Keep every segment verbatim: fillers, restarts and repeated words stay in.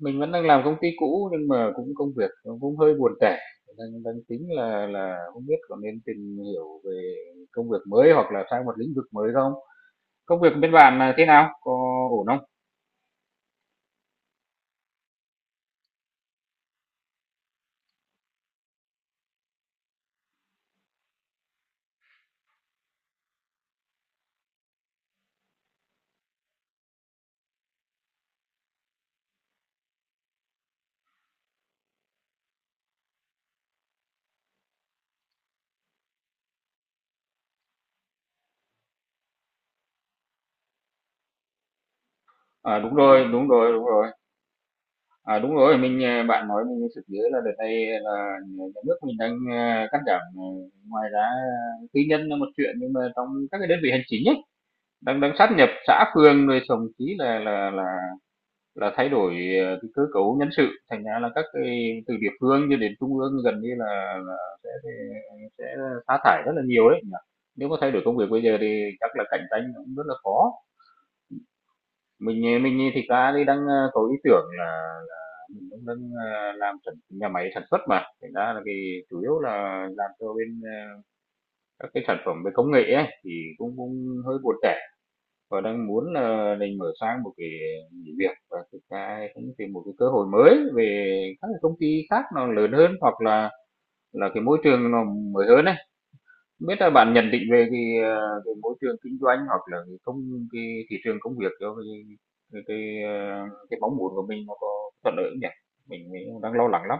Mình vẫn đang làm công ty cũ, nhưng mà cũng công việc nó cũng hơi buồn tẻ, đang đang tính là là không biết có nên tìm hiểu về công việc mới hoặc là sang một lĩnh vực mới không? Công việc bên bạn là thế nào? Có ổn không? À, đúng rồi, đúng rồi, đúng rồi. À, đúng rồi, mình à, bạn nói mình mới sực nhớ là đợt này là nhà nhà nước mình đang à, cắt giảm à, Ngoài ra tư nhân là một chuyện, nhưng mà trong các cái đơn vị hành chính ấy, đang đang sát nhập xã phường, rồi thậm chí là là là Là thay đổi ờ, cái cơ cấu nhân sự, thành ra là các cái từ địa phương cho đến trung ương gần như là là sẽ sẽ sẽ sa thải rất là nhiều đấy. Nếu mà thay đổi công việc bây giờ thì chắc là cạnh tranh cũng rất là khó. Mình, ờ, mình thì thực đi đang, ờ, có ý tưởng là là mình cũng đang, ờ, làm nhà máy sản xuất mà, thành ra là cái chủ yếu là làm cho bên, ờ, các cái sản phẩm về công nghệ ấy, thì cũng cũng hơi buồn tẻ. Và đang muốn là mình mở sang một cái nghỉ việc và thực ra cũng tìm một cái cơ hội mới về các cái công ty khác nó lớn hơn, hoặc là là cái môi trường nó mới hơn ấy. Biết là bạn nhận định về cái, ờ, cái môi trường kinh doanh hoặc là cái công cái thị trường công việc cho cái cái cái, ờ, cái mong muốn của mình nó có thuận lợi không nhỉ, mình, mình đang lo lắng lắm.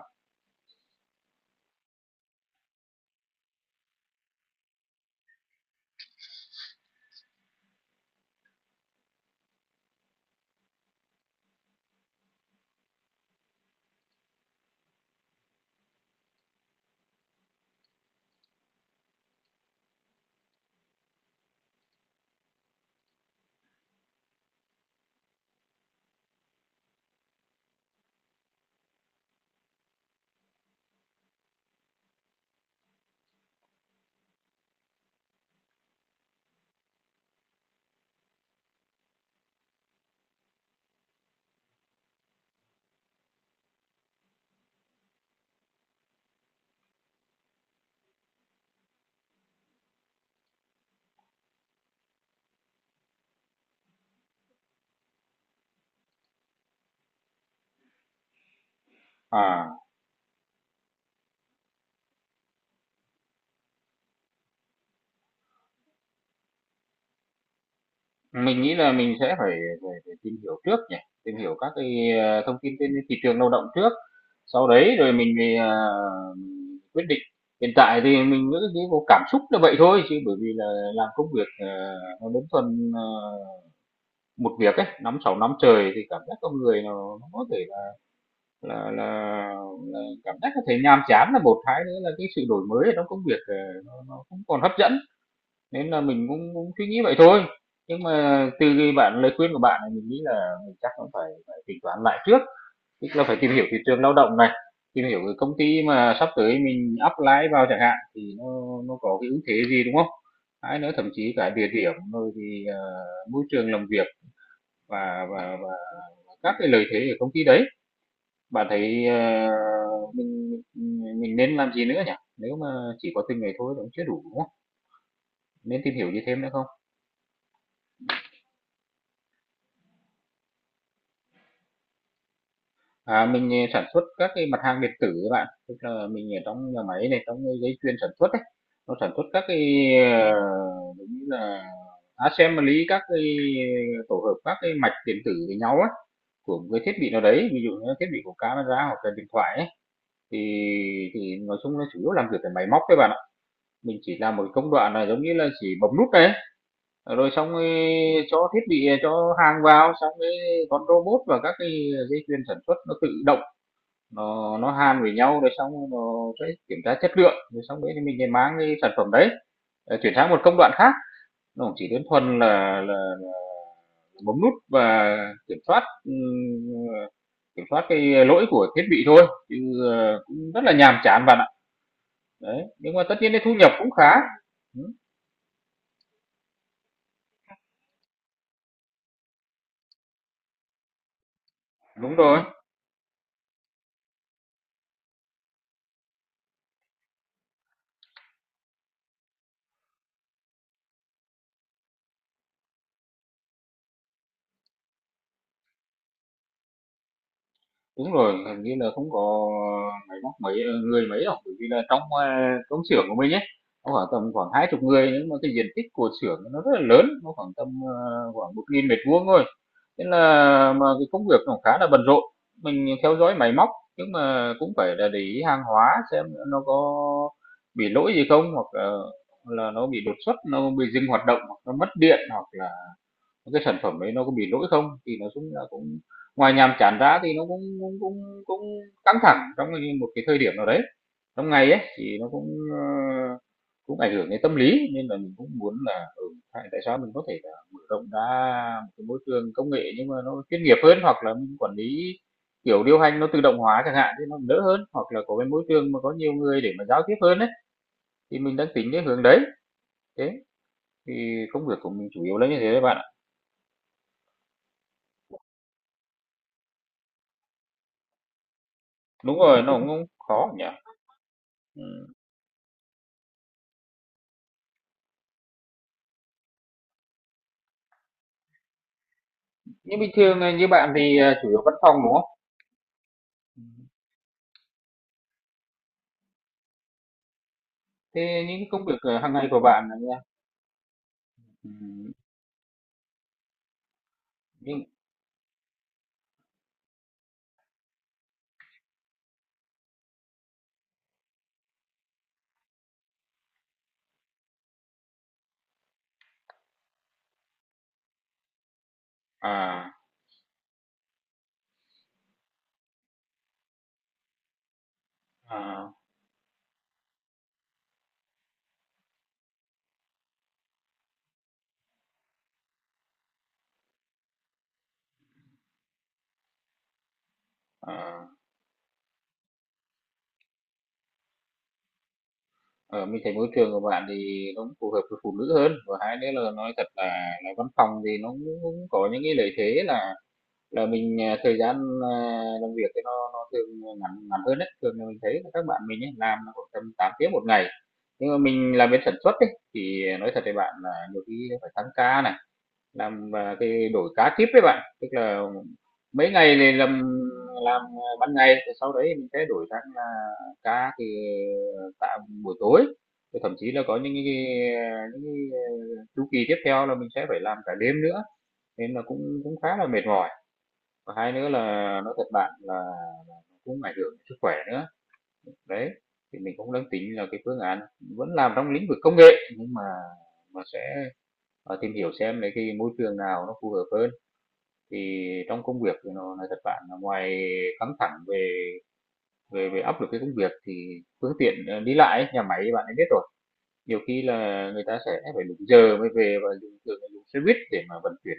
À, mình nghĩ là mình sẽ phải phải phải tìm hiểu trước nhỉ, tìm hiểu các cái, ờ, thông tin trên thị trường lao động trước, sau đấy rồi mình mới, à, mình quyết định. Hiện tại thì mình cứ nghĩ vô cảm xúc là vậy thôi, chứ bởi vì là làm công việc, ờ, nó đơn thuần, ờ, một việc ấy, năm sáu năm trời thì cảm giác con người nó nó có thể là là là là cảm giác có thể nhàm chán là một, hai nữa là cái sự đổi mới ở trong công việc, ờ, nó nó không còn hấp dẫn. Nên là mình cũng cũng suy nghĩ vậy thôi, nhưng mà từ cái bạn lời khuyên của bạn này mình nghĩ là mình chắc cũng phải phải tính toán lại trước, tức là phải tìm hiểu thị trường lao động này, tìm hiểu cái công ty mà sắp tới mình apply vào chẳng hạn thì nó nó có cái ưu thế gì, đúng không? Hay nữa thậm chí cả địa điểm rồi thì, ờ, môi trường làm việc và và và các cái lợi thế ở công ty đấy. Bạn thấy, ờ, mình mình mình nên làm gì nữa nhỉ? Nếu mà chỉ có từng ấy thôi thì cũng chưa đủ, đúng không? Nên tìm hiểu gì thêm nữa không? À, mình, ờ, sản xuất các cái mặt hàng điện tử các bạn, tức là mình ở trong nhà máy này, trong cái dây chuyền sản xuất ấy, nó sản xuất các cái, ờ, giống như là assembly các cái tổ hợp các cái mạch điện tử với nhau á, của một cái thiết bị nào đấy, ví dụ như là thiết bị của camera hoặc là điện thoại ấy, thì thì nói chung là chủ yếu làm việc với máy móc các bạn ạ. Mình chỉ làm một cái công đoạn là giống như là chỉ bấm nút này, rồi xong, ơ, cho thiết bị, à, cho hàng vào, xong cái con robot và các cái dây chuyền sản xuất nó tự động, nó nó hàn với nhau rồi xong rồi nó sẽ kiểm tra chất lượng, rồi xong đấy thì mình lại mang cái sản phẩm đấy ờ, chuyển sang một công đoạn khác. Nó cũng chỉ đơn thuần là, là bấm nút và kiểm soát kiểm soát cái lỗi của thiết bị thôi, chứ ờ, cũng rất là nhàm chán bạn ạ, đấy, nhưng mà tất nhiên cái thu nhập cũng khá. Ừ, đúng rồi. Đúng rồi, hình như là không có máy móc mấy ờ, người mấy đâu, bởi vì là trong à, công xưởng của mình ấy, nó khoảng tầm khoảng hai chục người, nhưng mà cái diện tích của xưởng nó rất là lớn, nó khoảng tầm ờ, khoảng một nghìn mét vuông thôi. Nên là mà cái công việc nó khá là bận rộn. Mình theo dõi máy móc nhưng mà cũng phải là để ý hàng hóa xem nó có bị lỗi gì không, hoặc là, là nó bị đột xuất, nó bị dừng hoạt động, hoặc nó mất điện, hoặc là cái sản phẩm đấy nó có bị lỗi không, thì nó cũng cũng ngoài nhàm chán ra thì nó cũng cũng cũng, cũng căng thẳng trong một cái thời điểm nào đấy trong ngày ấy, thì nó cũng ờ, cũng ảnh hưởng đến tâm lý, nên là mình cũng muốn là ừ, tại sao mình có thể là mở rộng ra một cái môi trường công nghệ nhưng mà nó chuyên nghiệp hơn, hoặc là mình quản lý kiểu điều hành nó tự động hóa chẳng hạn thì nó đỡ hơn, hoặc là có cái môi trường mà có nhiều người để mà giao tiếp hơn ấy, thì mình đang tính đến hướng đấy. Thế thì công việc của mình chủ yếu là như thế đấy bạn ạ. Đúng rồi, nó cũng không khó nhỉ. Ừ. Như bình thường ờ, như bạn thì ờ, chủ yếu văn phòng đúng không? Ừ. Thế những cái công việc ờ, hàng ngày của bạn là như nào? Ừ, nhưng à, à, à, ở mình thấy môi trường của bạn thì nó cũng phù hợp với phụ nữ hơn, và hai nữa là nói thật là, là văn phòng thì nó cũng, cũng có những cái lợi thế là là mình à, thời gian à, làm việc thì nó nó thường ngắn ngắn hơn đấy, thường là mình thấy là các bạn mình ấy, làm là khoảng tầm tám tiếng một ngày, nhưng mà mình làm bên sản xuất ấy, thì nói thật với bạn là nhiều khi phải tăng ca này, làm à, cái đổi cá kíp đấy bạn, tức là mấy ngày này làm làm à, ban ngày, rồi sau đấy mình sẽ đổi sang cá thì tạo buổi tối, rồi thậm chí là có những cái, những cái à, chu kỳ tiếp theo là mình sẽ phải làm cả đêm nữa, nên là cũng cũng khá là mệt mỏi, và hai nữa là nói thật bạn là cũng ảnh hưởng đến sức khỏe nữa đấy, thì mình cũng đang tính là cái phương án vẫn làm trong lĩnh vực công nghệ, nhưng mà mà sẽ ờ, tìm hiểu xem lấy cái môi trường nào nó phù hợp hơn. Thì trong công việc thì nó nói thật bạn là ngoài căng thẳng về về về áp lực cái công việc, thì phương tiện, ờ, đi lại ấy, nhà máy bạn ấy biết rồi, nhiều khi là người ta sẽ phải đúng giờ mới về, và dùng thường là dùng xe buýt để mà vận chuyển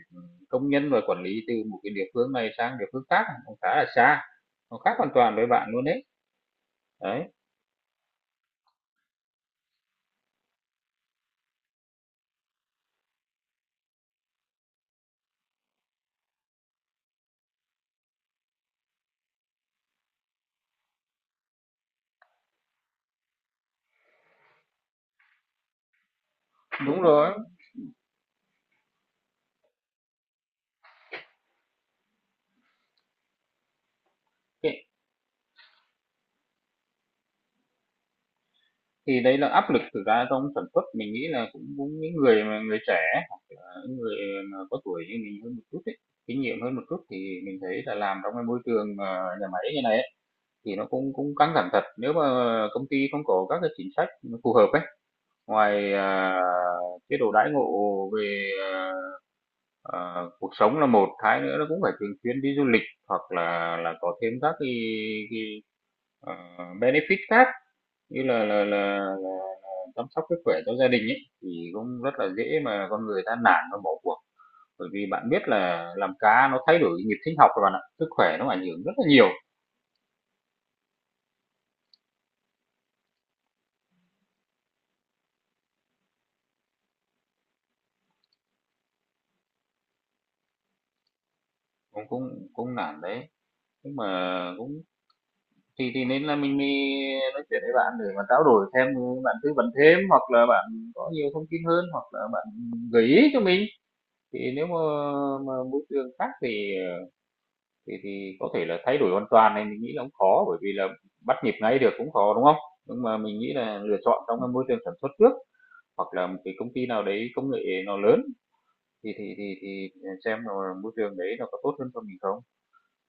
công nhân và quản lý từ một cái địa phương này sang địa phương khác, nó khá là xa, nó khác hoàn toàn với bạn luôn đấy. Đấy, đúng rồi. Thì đấy là áp lực thực ra trong sản xuất, mình nghĩ là cũng cũng những người mà người trẻ hoặc là những người mà có tuổi như mình hơn một chút ấy, kinh nghiệm hơn một chút, thì mình thấy là làm trong cái môi trường, ờ, nhà máy như này ấy, thì nó cũng cũng căng thẳng thật. Nếu mà công ty không có các cái chính sách phù hợp ấy, ngoài, à, chế độ đãi ngộ về, à, ờ, cuộc sống là một, hai nữa nó cũng phải thường xuyên đi du lịch, hoặc là là có thêm các cái cái, ờ, benefit khác, như là là, là là chăm sóc sức khỏe cho gia đình ấy, thì cũng rất là dễ mà con người ta nản và bỏ cuộc, bởi vì bạn biết là làm cá nó thay đổi nhịp sinh học rồi bạn ạ, sức khỏe nó ảnh hưởng rất là nhiều. Cũng cũng cũng nản đấy, nhưng mà cũng, thì thì nên là mình đi nói chuyện với bạn để mà trao đổi thêm, bạn tư vấn thêm, hoặc là bạn có nhiều thông tin hơn, hoặc là bạn gợi ý cho mình, thì nếu mà, mà môi trường khác thì Thì thì có thể là thay đổi hoàn toàn này mình nghĩ là cũng khó, bởi vì là bắt nhịp ngay được cũng khó, đúng không? Nhưng mà mình nghĩ là lựa chọn trong cái môi trường sản xuất trước, hoặc là một cái công ty nào đấy công nghệ nó lớn, thì thì thì thì xem là môi trường đấy nó có tốt hơn cho mình không?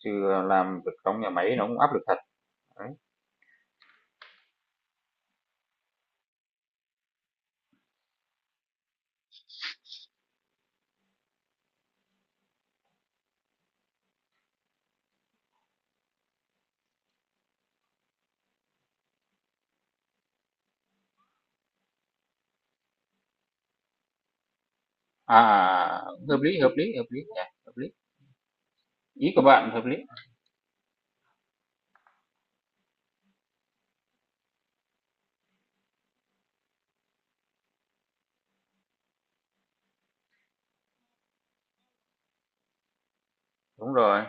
Chứ làm việc trong nhà máy nó cũng áp lực thật. Đấy. À, à, à, à, hợp lý, hợp lý, hợp lý nhỉ, hợp lý. Ý của bạn hợp lý. Đúng rồi.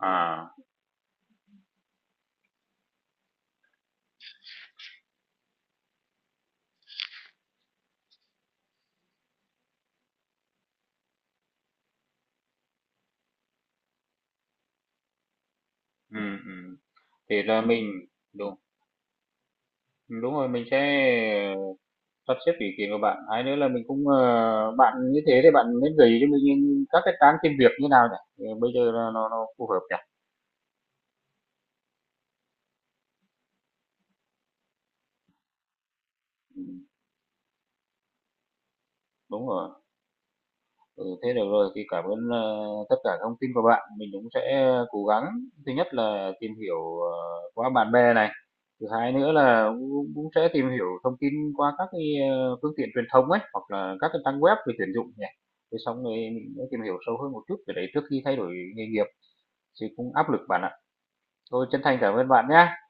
À, ừ, ừ. Thì là mình đúng đúng rồi mình sẽ sắp xếp ý kiến của bạn, hay nữa là mình cũng ờ, bạn như thế thì bạn nên gửi cho mình những các cái trang tìm việc như nào nhỉ. Ừ, bây giờ là nó, nó phù hợp nhỉ. Đúng rồi. Ừ, thế được rồi thì cảm ơn ờ, tất cả thông tin của bạn, mình cũng sẽ ờ, cố gắng, thứ nhất là tìm hiểu ờ, qua bạn bè này, thứ hai nữa là cũng, cũng sẽ tìm hiểu thông tin qua các cái ờ, phương tiện truyền thông ấy, hoặc là các cái trang web về tuyển dụng nhỉ, thế xong rồi mình sẽ tìm hiểu sâu hơn một chút về đấy trước khi thay đổi nghề nghiệp, thì cũng áp lực bạn ạ. Tôi chân thành cảm ơn bạn nhé.